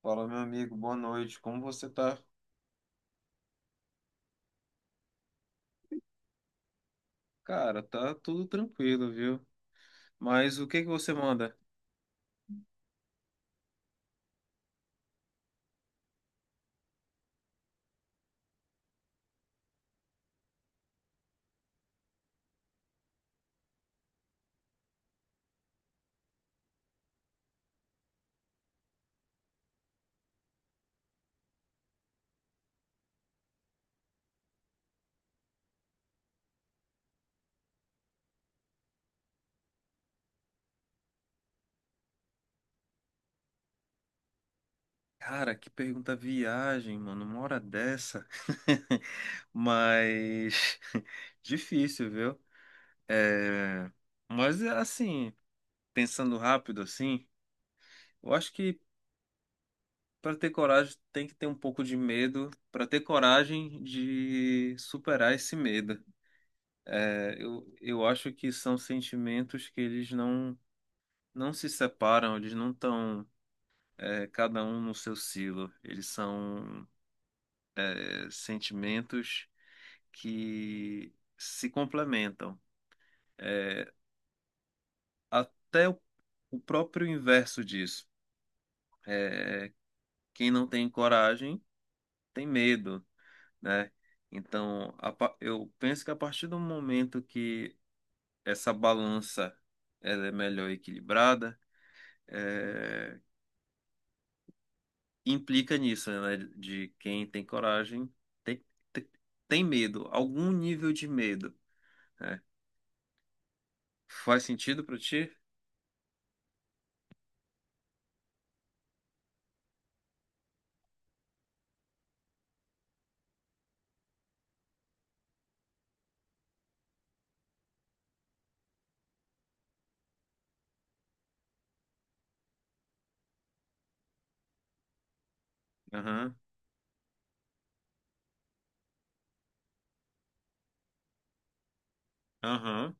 Fala, meu amigo, boa noite. Como você tá? Cara, tá tudo tranquilo, viu? Mas o que que você manda? Cara, que pergunta viagem, mano, uma hora dessa. Mas difícil, viu? É... Mas é assim, pensando rápido assim, eu acho que para ter coragem tem que ter um pouco de medo, para ter coragem de superar esse medo. Eu acho que são sentimentos que eles não se separam, eles não estão cada um no seu silo. Eles são sentimentos que se complementam. É, até o próprio inverso disso. É, quem não tem coragem tem medo, né? Então, eu penso que a partir do momento que essa balança ela é melhor equilibrada, eh, implica nisso, né? De quem tem coragem tem, tem, tem medo, algum nível de medo. É. Faz sentido pra ti? Aham, aham,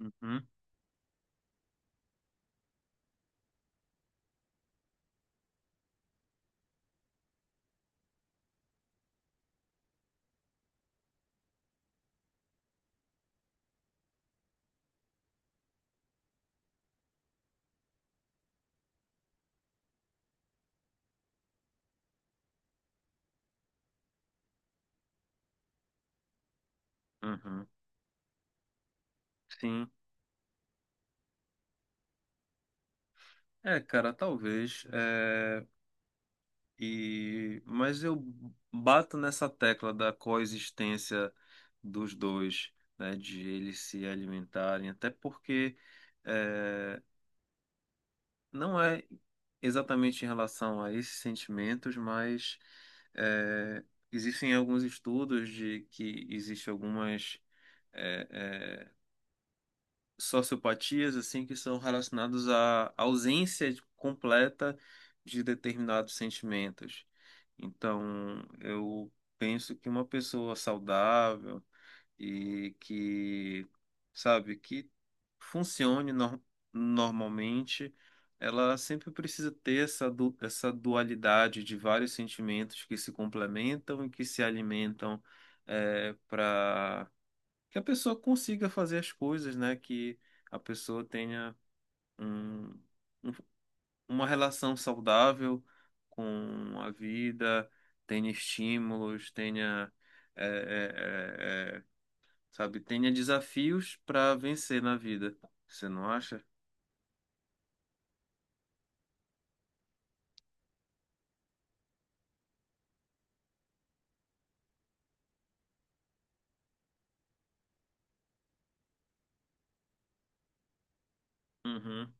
uhum, uhum. Sim. É, cara, talvez. Mas eu bato nessa tecla da coexistência dos dois, né? De eles se alimentarem, até porque. é, não é exatamente em relação a esses sentimentos, mas é, existem alguns estudos de que existe algumas eh, eh, sociopatias assim que são relacionados à completa de determinados sentimentos. Então, eu penso que uma pessoa saudável e que, sabe, que funcione nor- normalmente, ela sempre precisa ter essa dualidade de vários sentimentos que se complementam e que se alimentam que a pessoa consiga fazer as coisas, né? Que a pessoa tenha um, um- uma relação saudável com a vida, tenha estímulos, tenha, é, é, é, é, sabe, tenha desafios para vencer na vida. Você não acha? Uhum.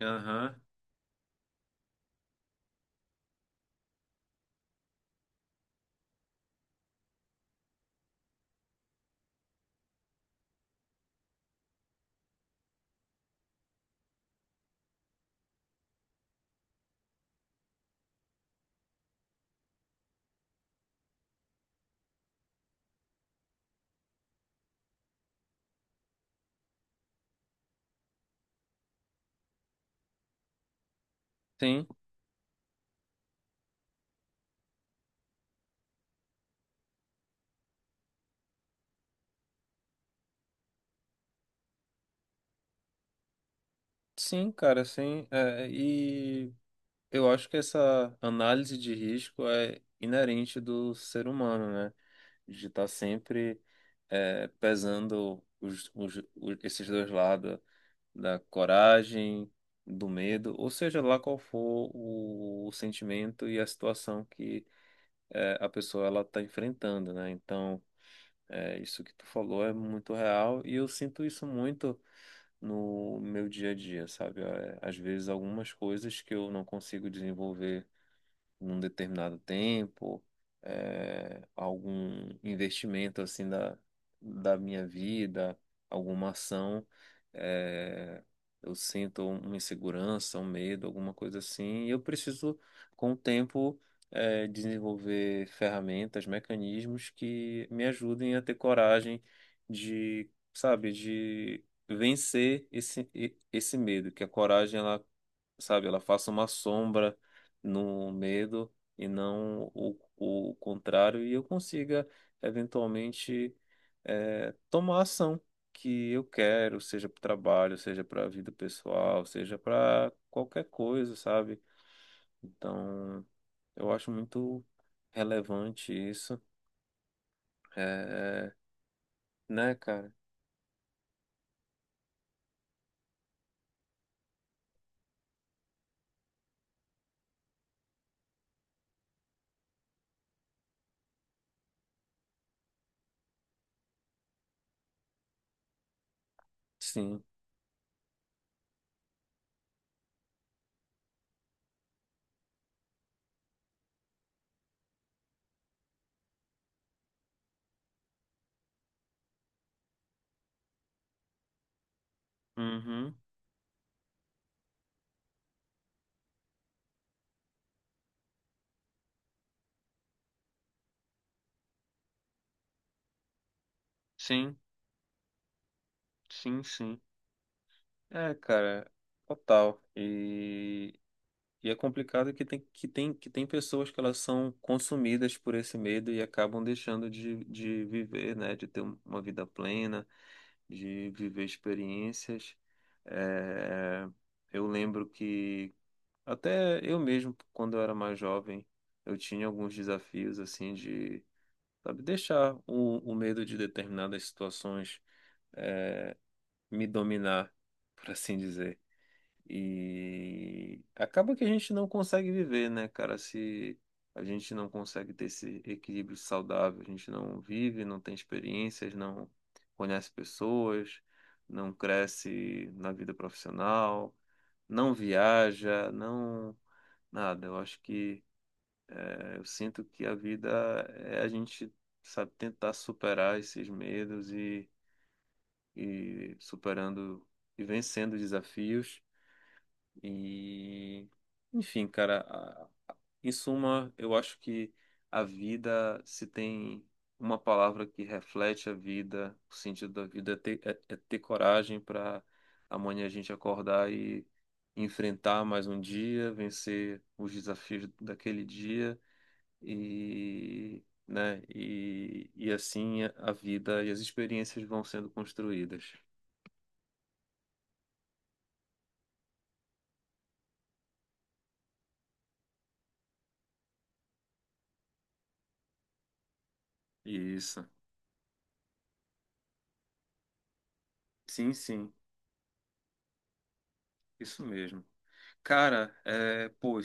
Aham. Sim, sim, cara, sim. É, e eu acho que essa análise de risco é inerente do ser humano, né? De estar sempre pesando esses dois lados da coragem, do medo, ou seja lá qual for o sentimento e a situação que a pessoa ela está enfrentando, né? Então, isso que tu falou é muito real e eu sinto isso muito no meu dia a dia, sabe? É, às vezes algumas coisas que eu não consigo desenvolver num determinado tempo, algum investimento assim da minha vida, alguma ação, eh, eu sinto uma insegurança, um medo, alguma coisa assim, e eu preciso, com o tempo, desenvolver ferramentas, mecanismos que me ajudem a ter coragem de, sabe, de vencer esse medo, que a coragem ela sabe? Ela faça uma sombra no medo e não o contrário, e eu consiga eventualmente tomar a ação que eu quero, seja para o trabalho, seja para a vida pessoal, seja para qualquer coisa, sabe? Então, eu acho muito relevante isso, é né, cara? Sim. Uhum. Sim, sim, sim. É, cara, total. E é complicado que tem pessoas que elas são consumidas por esse medo e acabam deixando de viver, né? De ter uma vida plena, de viver experiências. É, eu lembro que até eu mesmo, quando eu era mais jovem, eu tinha alguns desafios assim de, sabe, deixar o medo de determinadas situações me dominar, por assim dizer. E acaba que a gente não consegue viver, né, cara? Se a gente não consegue ter esse equilíbrio saudável, a gente não vive, não tem experiências, não conhece pessoas, não cresce na vida profissional, não viaja, não nada. Eu acho que eu sinto que a vida é a gente, sabe, tentar superar esses medos e superando e vencendo desafios E, enfim, cara, em suma, eu acho que a vida, se tem uma palavra que reflete a vida, o sentido da vida, é ter, é ter coragem para amanhã a gente acordar e enfrentar mais um dia, vencer os desafios daquele dia e, né, e assim a vida e as experiências vão sendo construídas. Isso. Sim, sim, isso mesmo. Cara, é, pô,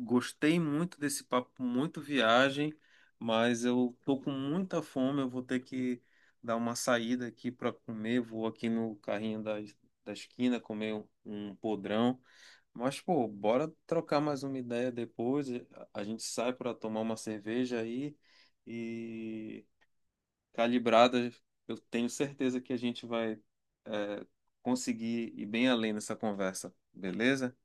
gostei muito desse papo, muito viagem, mas eu tô com muita fome, eu vou ter que dar uma saída aqui para comer, vou aqui no carrinho da, da esquina comer um podrão. Mas, pô, bora trocar mais uma ideia depois, a gente sai para tomar uma cerveja aí e calibrada, eu tenho certeza que a gente vai, é, conseguir ir bem além nessa conversa, beleza?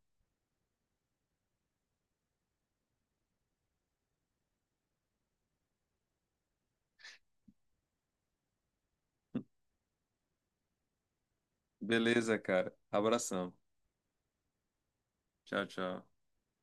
Beleza, cara. Abração. Tchau, tchau.